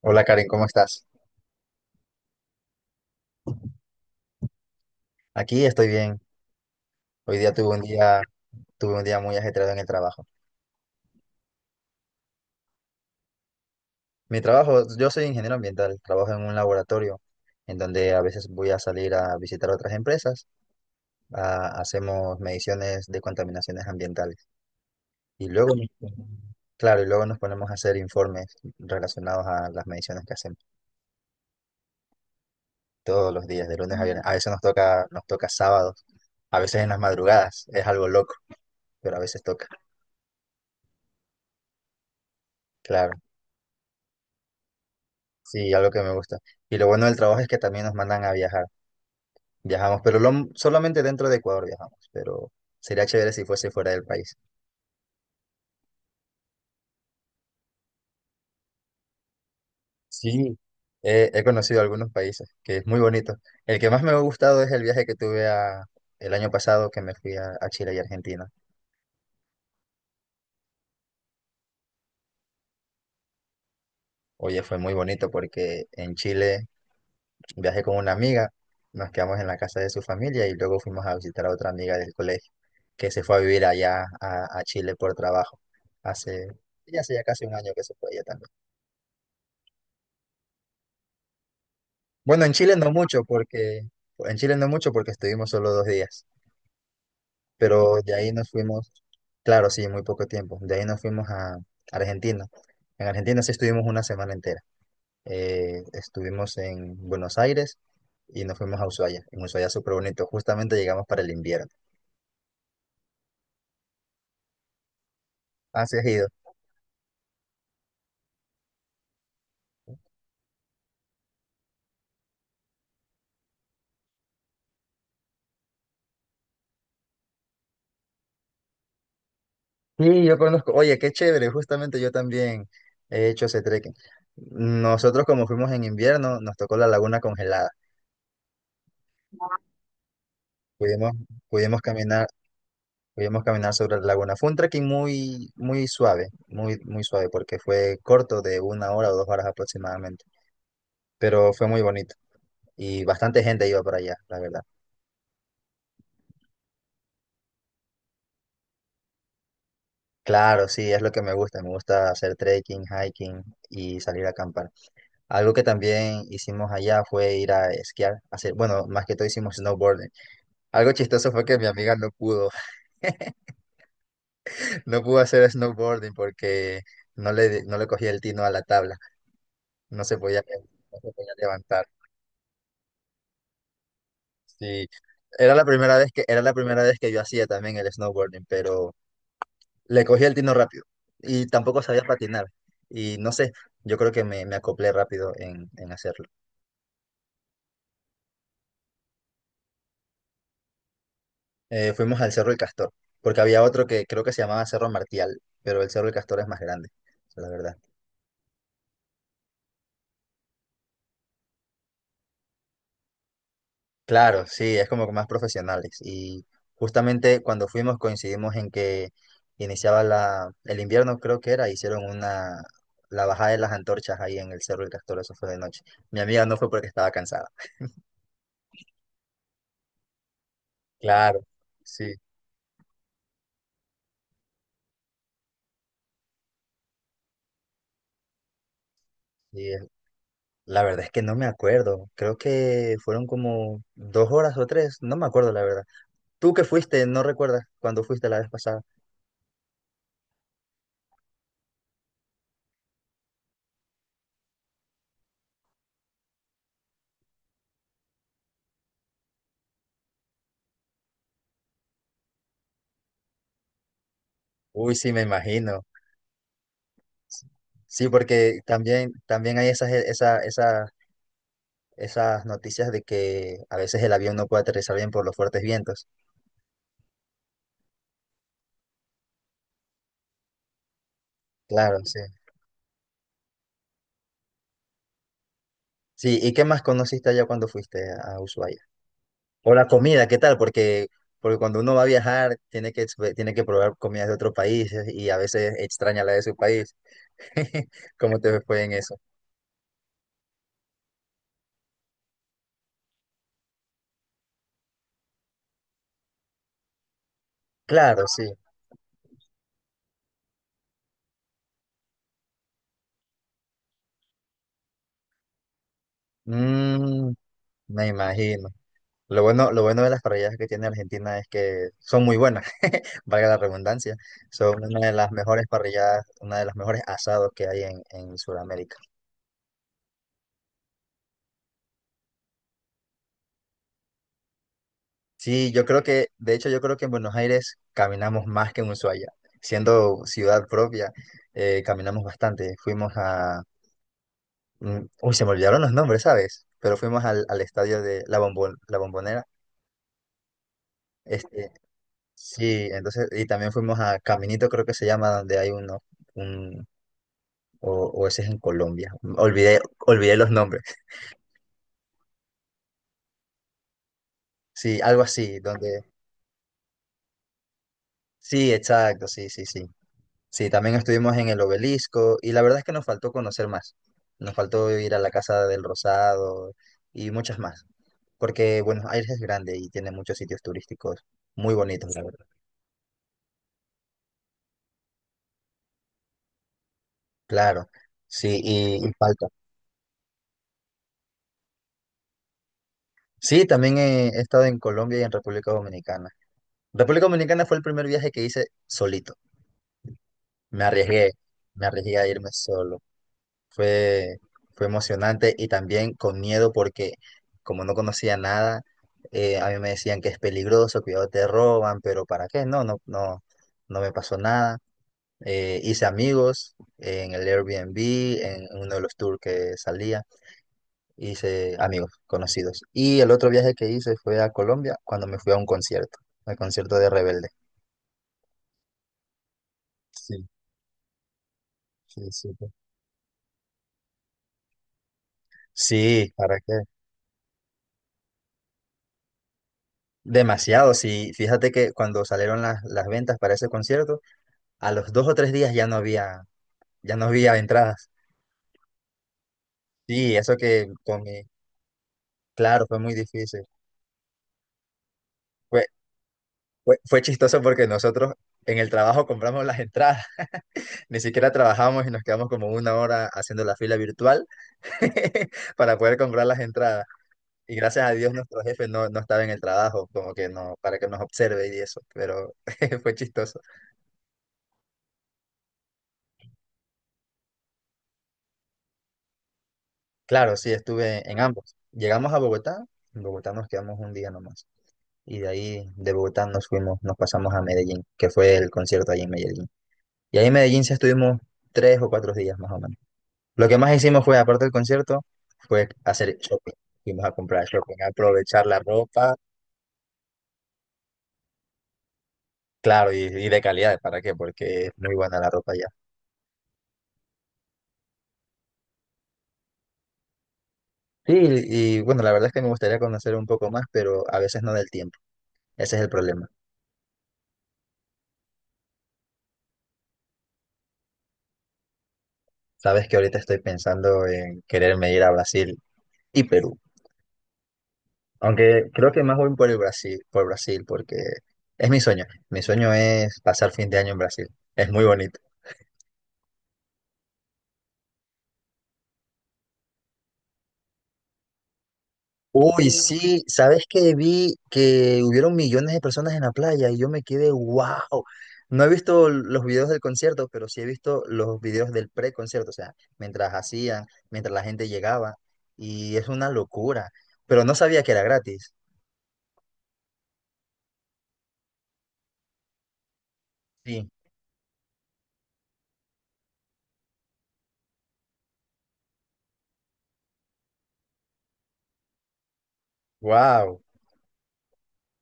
Hola Karen, ¿cómo estás? Aquí estoy bien. Hoy día tuve un día muy ajetreado en el trabajo. Mi trabajo, yo soy ingeniero ambiental, trabajo en un laboratorio en donde a veces voy a salir a visitar otras empresas. Hacemos mediciones de contaminaciones ambientales y claro, y luego nos ponemos a hacer informes relacionados a las mediciones que hacemos todos los días, de lunes a viernes. A veces nos toca sábados, a veces en las madrugadas. Es algo loco, pero a veces toca, claro. Sí, algo que me gusta. Y lo bueno del trabajo es que también nos mandan a viajar. Viajamos, pero solamente dentro de Ecuador viajamos, pero sería chévere si fuese fuera del país. Sí, he conocido algunos países, que es muy bonito. El que más me ha gustado es el viaje que el año pasado que me fui a Chile y Argentina. Oye, fue muy bonito porque en Chile viajé con una amiga. Nos quedamos en la casa de su familia y luego fuimos a visitar a otra amiga del colegio que se fue a vivir allá a Chile por trabajo. Hace, ya hace ya casi un año que se fue ella también. Bueno, en Chile no mucho porque estuvimos solo 2 días, pero de ahí nos fuimos, claro, sí, muy poco tiempo. De ahí nos fuimos a Argentina. En Argentina sí estuvimos una semana entera. Estuvimos en Buenos Aires y nos fuimos a Ushuaia. En Ushuaia súper bonito, justamente llegamos para el invierno. Así has ido. Sí, yo conozco. Oye, qué chévere. Justamente yo también he hecho ese trekking. Nosotros como fuimos en invierno, nos tocó la laguna congelada. Pudimos, pudimos caminar, Pudimos caminar sobre la laguna. Fue un trekking muy, muy suave, porque fue corto de una hora o 2 horas aproximadamente. Pero fue muy bonito. Y bastante gente iba para allá, la verdad. Claro, sí, es lo que me gusta. Me gusta hacer trekking, hiking y salir a acampar. Algo que también hicimos allá fue ir a esquiar, hacer, bueno, más que todo hicimos snowboarding. Algo chistoso fue que mi amiga no pudo, no pudo hacer snowboarding porque no le cogía el tino a la tabla, no se podía, no se podía levantar. Sí, era la primera vez que yo hacía también el snowboarding, pero le cogí el tino rápido y tampoco sabía patinar. Y no sé, yo creo que me acoplé rápido en hacerlo. Fuimos al Cerro del Castor, porque había otro que creo que se llamaba Cerro Martial, pero el Cerro del Castor es más grande, la verdad. Claro, sí, es como que más profesionales. Y justamente cuando fuimos coincidimos en que iniciaba el invierno, creo que era. Hicieron la bajada de las antorchas ahí en el Cerro del Castor. Eso fue de noche. Mi amiga no fue porque estaba cansada. Claro, sí. y es- la verdad es que no me acuerdo, creo que fueron como 2 horas o 3, no me acuerdo la verdad. Tú que fuiste, no recuerdas cuando fuiste la vez pasada. Uy, sí, me imagino. Sí, porque también, también hay esas, e, esa- esas noticias de que a veces el avión no puede aterrizar bien por los fuertes vientos. Claro, sí. Sí, ¿y qué más conociste allá cuando fuiste a Ushuaia? O la comida, ¿qué tal? Porque, porque cuando uno va a viajar, tiene que probar comidas de otros países y a veces extraña la de su país. ¿Cómo te fue en eso? Claro, sí. Mm, me imagino. Lo bueno de las parrilladas que tiene Argentina es que son muy buenas, valga la redundancia. Son una de las mejores parrilladas, una de las mejores asados que hay en Sudamérica. Sí, yo creo que, de hecho, yo creo que en Buenos Aires caminamos más que en Ushuaia. Siendo ciudad propia, caminamos bastante. Fuimos a... Uy, se me olvidaron los nombres, ¿sabes? Pero fuimos al estadio de La Bombonera. Este, sí, entonces, y también fuimos a Caminito, creo que se llama, donde hay uno, un o ese es en Colombia. Olvidé los nombres. Sí, algo así, donde... Sí, exacto, sí, sí, sí. Sí, también estuvimos en el obelisco y la verdad es que nos faltó conocer más. Nos faltó ir a la Casa del Rosado y muchas más. Porque Buenos Aires es grande y tiene muchos sitios turísticos muy bonitos, la verdad. Claro, sí, y falta. Sí, también he estado en Colombia y en República Dominicana. República Dominicana fue el primer viaje que hice solito. Me arriesgué, Me arriesgué a irme solo. Fue, Fue emocionante y también con miedo porque como no conocía nada, a mí me decían que es peligroso, cuidado te roban, pero ¿para qué? No, no, no, no me pasó nada. Hice amigos en el Airbnb, en uno de los tours que salía, hice amigos conocidos. Y el otro viaje que hice fue a Colombia cuando me fui a un concierto, al concierto de Rebelde. Sí, sí, súper. Sí, ¿para qué? Demasiado, sí. Fíjate que cuando salieron las ventas para ese concierto, a los 2 o 3 días ya no había entradas. Sí, eso que con mi, Claro, fue muy difícil. Fue, Fue chistoso porque nosotros en el trabajo compramos las entradas, ni siquiera trabajamos y nos quedamos como una hora haciendo la fila virtual para poder comprar las entradas. Y gracias a Dios nuestro jefe no estaba en el trabajo, como que no, para que nos observe y eso, pero fue chistoso. Claro, sí, estuve en ambos. Llegamos a Bogotá. En Bogotá nos quedamos un día nomás. Y de ahí, de Bogotá, nos pasamos a Medellín, que fue el concierto allí en Medellín. Y ahí en Medellín sí estuvimos 3 o 4 días más o menos. Lo que más hicimos fue, aparte del concierto, fue hacer shopping. Fuimos a comprar shopping, a aprovechar la ropa, claro, y de calidad, ¿para qué? Porque es muy buena la ropa allá. Sí, y bueno, la verdad es que me gustaría conocer un poco más, pero a veces no del tiempo. Ese es el problema. Sabes que ahorita estoy pensando en quererme ir a Brasil y Perú. Aunque creo que más voy por Brasil, porque es mi sueño. Mi sueño es pasar fin de año en Brasil. Es muy bonito. Uy, sí, ¿sabes que vi que hubieron millones de personas en la playa? Y yo me quedé, wow. No he visto los videos del concierto, pero sí he visto los videos del pre-concierto, o sea, mientras hacían, mientras la gente llegaba. Y es una locura. Pero no sabía que era gratis. Sí, wow.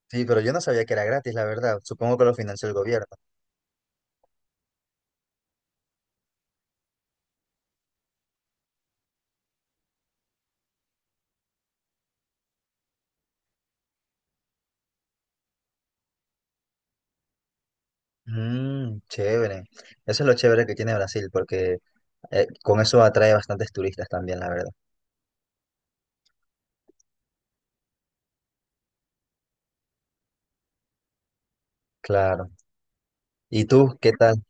Sí, pero yo no sabía que era gratis, la verdad. Supongo que lo financió el gobierno. Mm, chévere. Eso es lo chévere que tiene Brasil, porque con eso atrae bastantes turistas también, la verdad. Claro. ¿Y tú qué tal?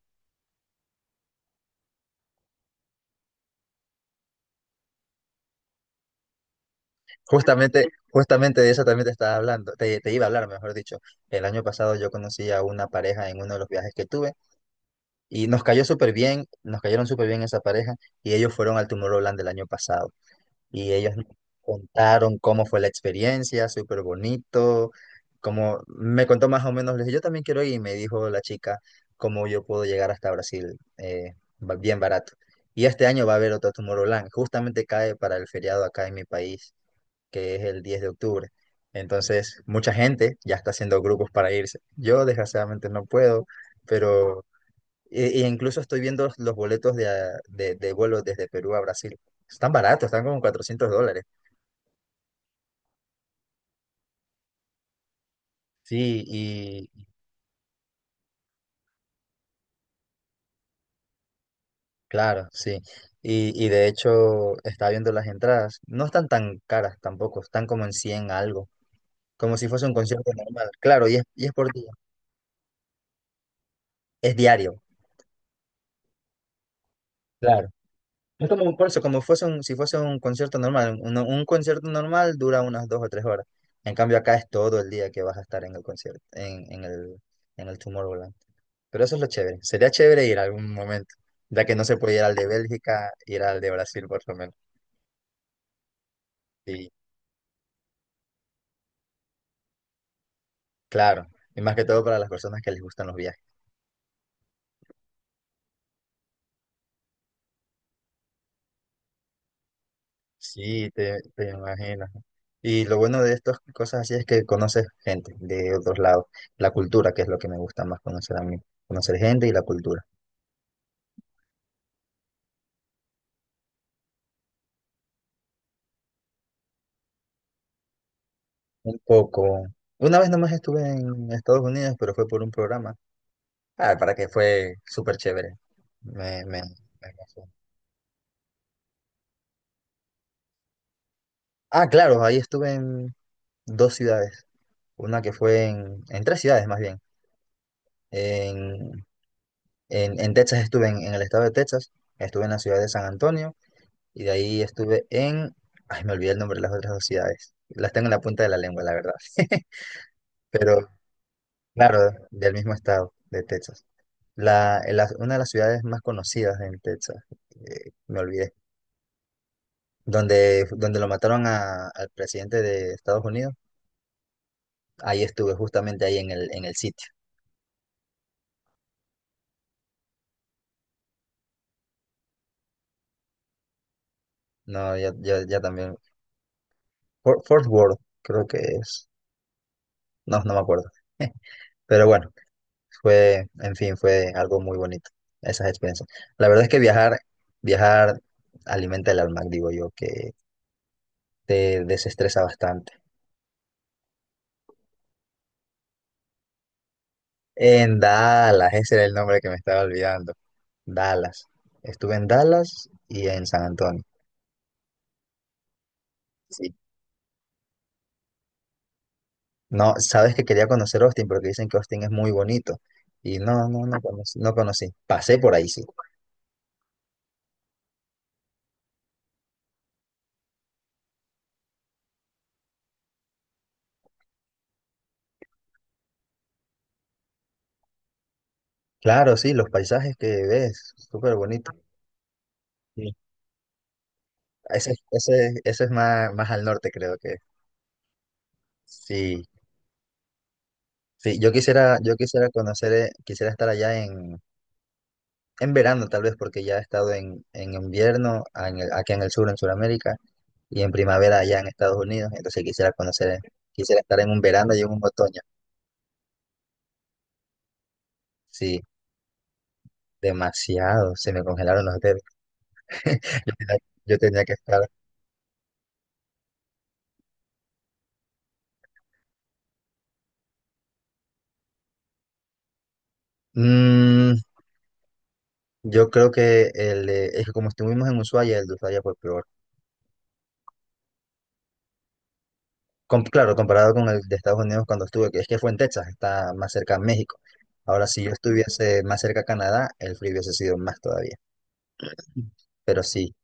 Justamente, justamente de eso también te estaba hablando, te iba a hablar, mejor dicho. El año pasado yo conocí a una pareja en uno de los viajes que tuve y nos cayó súper bien, nos cayeron súper bien esa pareja, y ellos fueron al Tomorrowland del año pasado. Y ellos me contaron cómo fue la experiencia, súper bonito. Como me contó más o menos, le dije, yo también quiero ir, y me dijo la chica cómo yo puedo llegar hasta Brasil, bien barato. Y este año va a haber otro Tomorrowland, justamente cae para el feriado acá en mi país, que es el 10 de octubre. Entonces, mucha gente ya está haciendo grupos para irse. Yo, desgraciadamente, no puedo, pero... e incluso estoy viendo los boletos de vuelo desde Perú a Brasil. Están baratos, están como $400. Sí, y claro, sí. Y de hecho, estaba viendo las entradas. No están tan caras tampoco, están como en 100 algo, como si fuese un concierto normal. Claro, y es por día, es diario, claro. Es como un por eso, como fuese un, si fuese un concierto normal. Un concierto normal dura unas 2 o 3 horas. En cambio, acá es todo el día que vas a estar en el concierto, en el Tomorrowland. Pero eso es lo chévere. Sería chévere ir a algún momento, ya que no se puede ir al de Bélgica, ir al de Brasil por lo menos. Claro, y más que todo para las personas que les gustan los viajes. Sí, te imagino. Y lo bueno de estas cosas así es que conoces gente de otros lados, la cultura, que es lo que me gusta más conocer a mí, conocer gente y la cultura. Un poco. Una vez nomás estuve en Estados Unidos, pero fue por un programa. Ah, para que fue súper chévere. Me, me, Me pasó. Ah, claro, ahí estuve en 2 ciudades. Una que fue en 3 ciudades más bien. En en Texas estuve en el estado de Texas, estuve en la ciudad de San Antonio y de ahí estuve en... Ay, me olvidé el nombre de las otras 2 ciudades. Las tengo en la punta de la lengua, la verdad. Pero claro, del mismo estado de Texas. Una de las ciudades más conocidas en Texas, me olvidé, donde, donde lo mataron al presidente de Estados Unidos, ahí estuve, justamente ahí en el sitio. No, ya, ya, ya también. Fort Worth, creo que es. No, no me acuerdo. Pero bueno. Fue, en fin, fue algo muy bonito, esas experiencias. La verdad es que viajar alimenta el alma, digo yo, que te desestresa bastante. En Dallas, ese era el nombre que me estaba olvidando. Dallas. Estuve en Dallas y en San Antonio. Sí. No, sabes que quería conocer Austin porque dicen que Austin es muy bonito. Y no, no, no conocí, no conocí. Pasé por ahí, sí. Claro, sí, los paisajes que ves, súper bonito. Sí. Ese es más, más al norte, creo que. Sí, sí, yo quisiera, conocer, quisiera estar allá en, verano tal vez, porque ya he estado en, invierno aquí en el sur, en Sudamérica, y en primavera allá en Estados Unidos, entonces quisiera conocer, quisiera estar en un verano y en un otoño. Sí, demasiado, se me congelaron los dedos. Yo tenía, yo tenía que estar. Mm, yo creo que es que como estuvimos en Ushuaia, el de Ushuaia fue peor. Claro, comparado con el de Estados Unidos cuando estuve, que es que fue en Texas, está más cerca a México. Ahora, si yo estuviese más cerca a Canadá, el frío hubiese sido más todavía. Pero sí,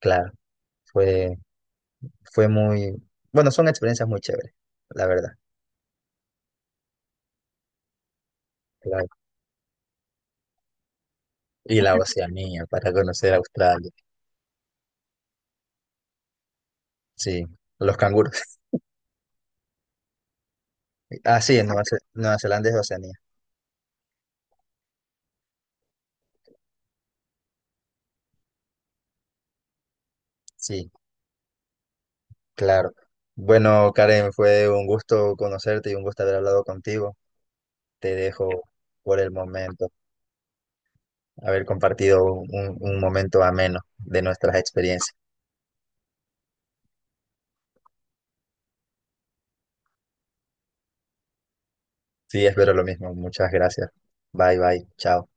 claro, fue, fue muy, bueno, son experiencias muy chéveres, la verdad. Claro. Y la Oceanía, para conocer Australia, sí, los canguros. Ah, sí, en Nueva, Nueva Zelanda es Oceanía, sí, claro. Bueno, Karen, fue un gusto conocerte y un gusto haber hablado contigo. Te dejo por el momento. Haber compartido un momento ameno de nuestras experiencias. Sí, espero lo mismo. Muchas gracias. Bye, bye. Chao.